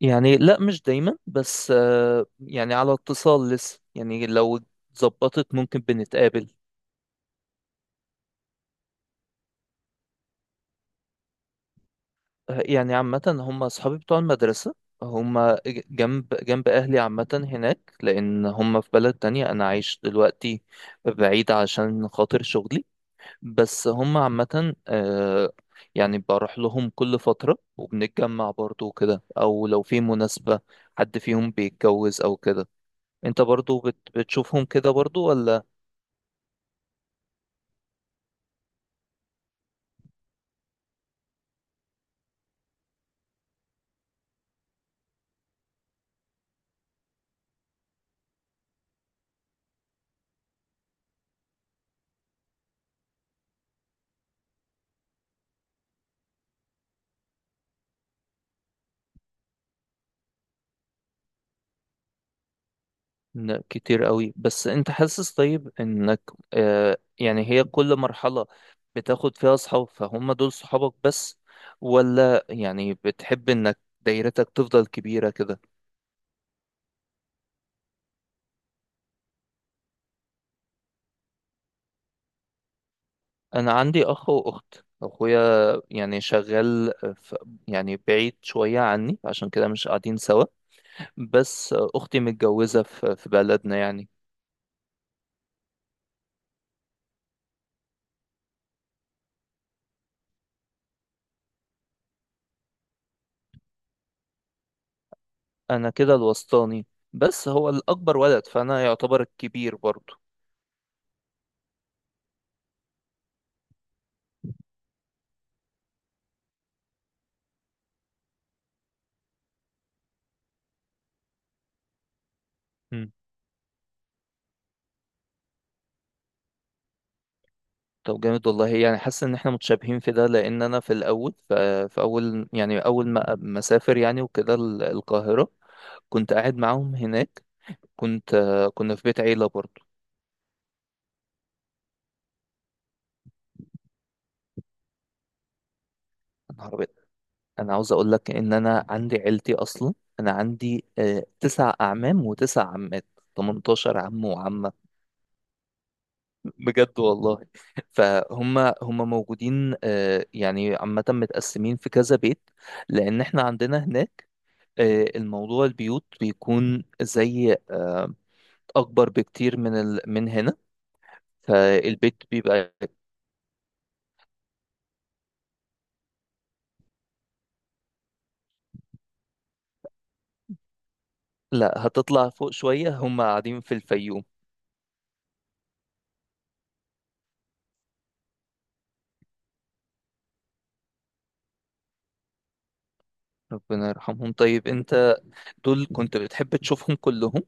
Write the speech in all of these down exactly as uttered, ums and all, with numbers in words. يعني لا، مش دايما. بس آه، يعني على اتصال لسه، يعني لو اتظبطت ممكن بنتقابل. آه، يعني عامة هم أصحابي بتوع المدرسة. هم ج- جنب جنب أهلي عامة، هناك لأن هم في بلد تانية أنا عايش دلوقتي بعيد عشان خاطر شغلي. بس هم عامة آه، يعني بروح لهم كل فترة وبنتجمع برضو وكده، أو لو في مناسبة حد فيهم بيتجوز أو كده. أنت برضو بت- بتشوفهم كده برضو ولا؟ لا، كتير قوي. بس انت حاسس طيب انك، آه يعني هي كل مرحلة بتاخد فيها اصحاب، فهم دول صحابك بس؟ ولا يعني بتحب انك دايرتك تفضل كبيرة كده؟ انا عندي اخ واخت. اخويا يعني شغال في... يعني بعيد شوية عني، عشان كده مش قاعدين سوا. بس اختي متجوزة في في بلدنا يعني. انا كده الوسطاني. بس هو الاكبر ولد، فانا يعتبر الكبير برضه. طب جامد والله، يعني حاسس ان احنا متشابهين في ده. لان انا في الاول ف- في اول يعني اول ما مسافر يعني وكده ال- القاهره، كنت قاعد معاهم هناك. كنت آه، كنا في بيت عيله برضو. يا نهار أبيض. انا عاوز اقول لك ان انا عندي عيلتي اصلا. انا عندي آه، تسع اعمام وتسع عمات، تمنتاشر عم وعمه، بجد والله. فهم هم موجودين، آه، يعني عامه متقسمين في كذا بيت، لان احنا عندنا هناك آه، الموضوع، البيوت بيكون زي أكبر بكتير من ال... من هنا. فالبيت بيبقى... لا، هتطلع فوق شوية، هم قاعدين في الفيوم. ربنا يرحمهم. طيب أنت دول كنت بتحب تشوفهم كلهم؟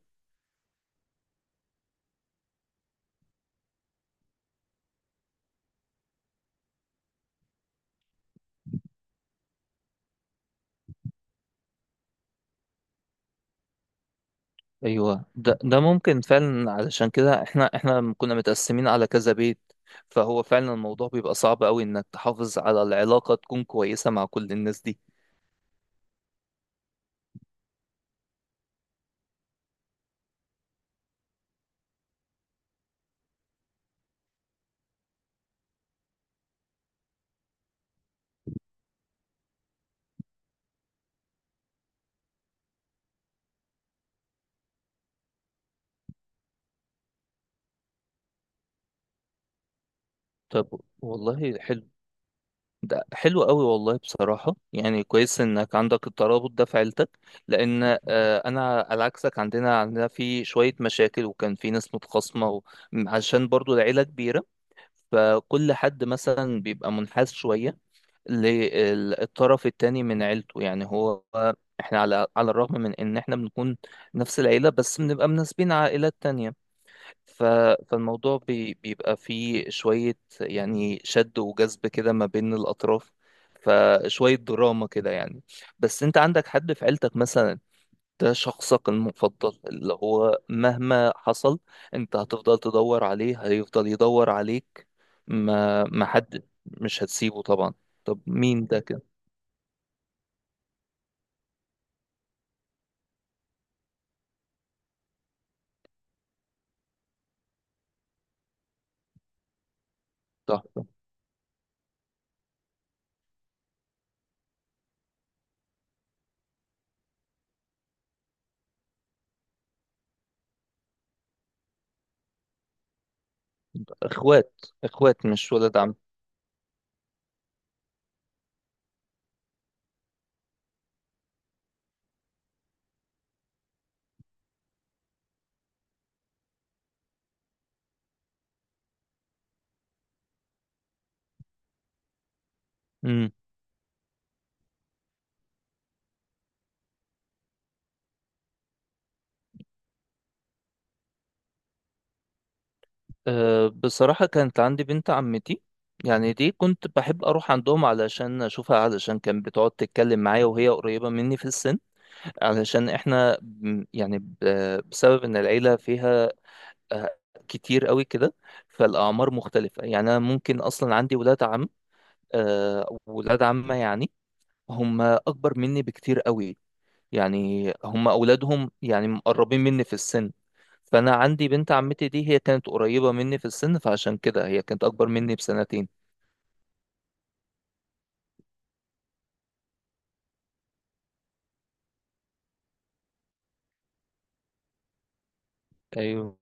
أيوة، ده ده ممكن فعلا. علشان كده احنا احنا لما كنا متقسمين على كذا بيت، فهو فعلا الموضوع بيبقى صعب قوي إنك تحافظ على العلاقة تكون كويسة مع كل الناس دي. طب والله حلو. ده حلو قوي والله بصراحة، يعني كويس انك عندك الترابط ده في عيلتك. لان آه، انا على عكسك، عندنا عندنا في شوية مشاكل وكان في ناس متخاصمة، و- عشان برضو العيلة كبيرة. فكل حد مثلا بيبقى منحاز شوية للطرف التاني من عيلته. يعني هو احنا على على الرغم من ان احنا بنكون نفس العيلة، بس بنبقى مناسبين عائلات تانية. ف... فالموضوع بي... بيبقى فيه شوية يعني شد وجذب كده ما بين الأطراف. فشوية دراما كده يعني. بس أنت عندك حد في عيلتك مثلا، ده شخصك المفضل، اللي هو مهما حصل أنت هتفضل تدور عليه، هيفضل يدور عليك؟ ما ما حد مش هتسيبه طبعا. طب مين ده كده؟ طب طب- إخوات، إخوات مش ولد. عم. أه، بصراحة كانت عندي بنت عمتي. يعني دي كنت بحب أروح عندهم علشان أشوفها، علشان كانت بتقعد تتكلم معايا وهي قريبة مني في السن. علشان إحنا م- يعني ب- بسبب إن العيلة فيها آه، كتير قوي كده، فالأعمار مختلفة. يعني أنا ممكن أصلا عندي ولاد عم، أه ولاد عمة، يعني هم أكبر مني بكتير قوي. يعني هم أولادهم يعني مقربين مني في السن. فأنا عندي بنت عمتي دي، هي كانت قريبة مني في السن، فعشان كده هي كانت أكبر مني بسنتين. أيوه.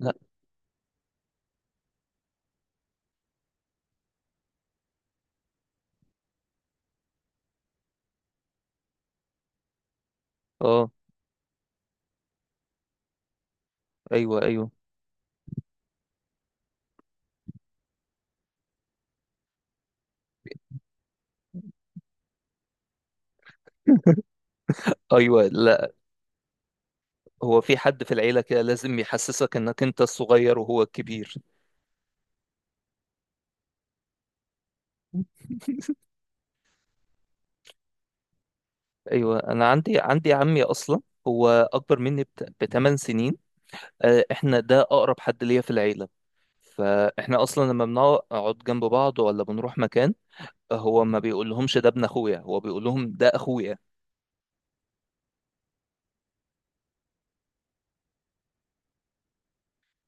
لا. أه. أيوه. أيوه. أيوه. لا. هو في حد في العيلة كده لازم يحسسك إنك أنت الصغير وهو الكبير؟ ايوه، انا عندي عندي عمي اصلا. هو اكبر مني بثمان سنين. آه، احنا ده اقرب حد ليا في العيله. فاحنا اصلا لما بنقعد جنب بعض ولا بنروح مكان، هو ما بيقولهمش ده ابن اخويا، هو بيقول لهم ده اخويا.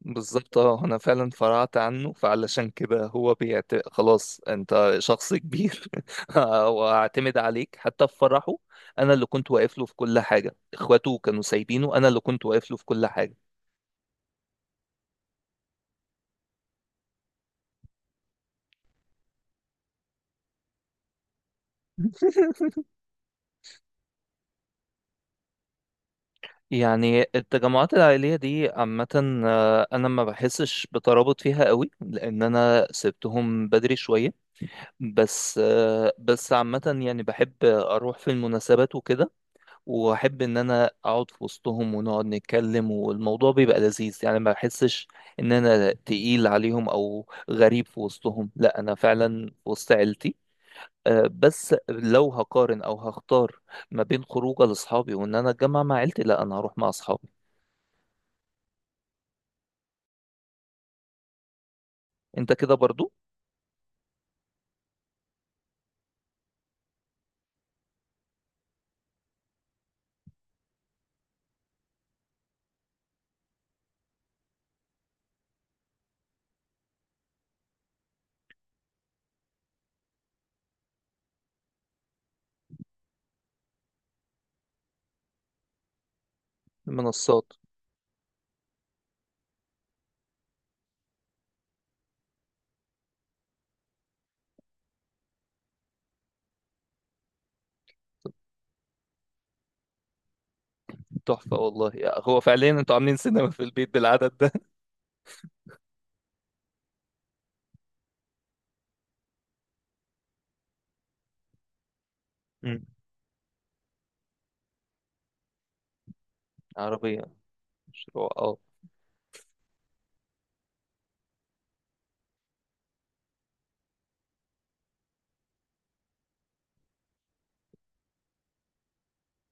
بالظبط، اه، انا فعلا فرعت عنه، فعلشان كده هو بيعت... خلاص انت شخص كبير. واعتمد عليك حتى في فرحه. انا اللي كنت واقف له في كل حاجه، اخواته كانوا سايبينه، انا اللي كنت واقف له في كل حاجه. يعني التجمعات العائلية دي عامة، آه، أنا ما بحسش بترابط فيها قوي، لأن أنا سبتهم بدري شوية. بس آه، بس عامة يعني بحب أروح في المناسبات وكده، وأحب إن أنا أقعد في وسطهم ونقعد نتكلم، والموضوع بيبقى لذيذ. يعني ما بحسش إن أنا تقيل عليهم أو غريب في وسطهم، لا أنا فعلا في وسط عيلتي. آه، بس لو هقارن أو هختار ما بين خروجة لأصحابي وإن أنا أتجمع مع عيلتي، لا أنا هروح مع أصحابي. أنت كده برضو؟ منصات. تحفة والله. هو فعليا أنتوا عاملين سينما في البيت بالعدد ده؟ مم. عربية. مشروع اه.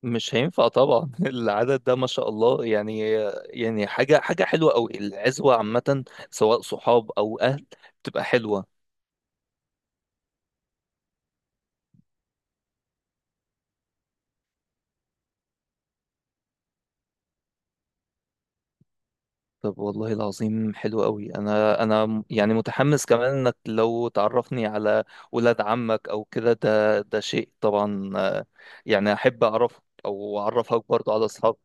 مش هينفع طبعا العدد ده ما شاء الله يعني. يعني حاجة حاجة حلوة أوي. العزوة عامة، سواء صحاب أو أهل، بتبقى حلوة. طب والله العظيم حلو أوي. أنا أنا م- يعني متحمس كمان إنك لو تعرفني على ولاد عمك أو كده، ده ده شيء طبعا. آه، يعني أحب أعرفك أو أعرفك برضه على أصحابك.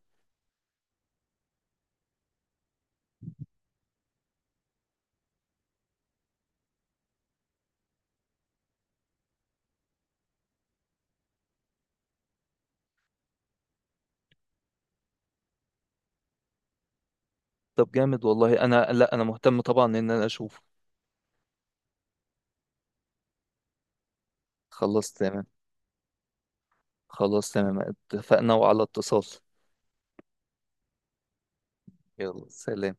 طب جامد والله. أنا، لا، أنا مهتم طبعا إن أنا أشوف. خلاص تمام. خلاص تمام. اتفقنا، وعلى اتصال. يلا سلام.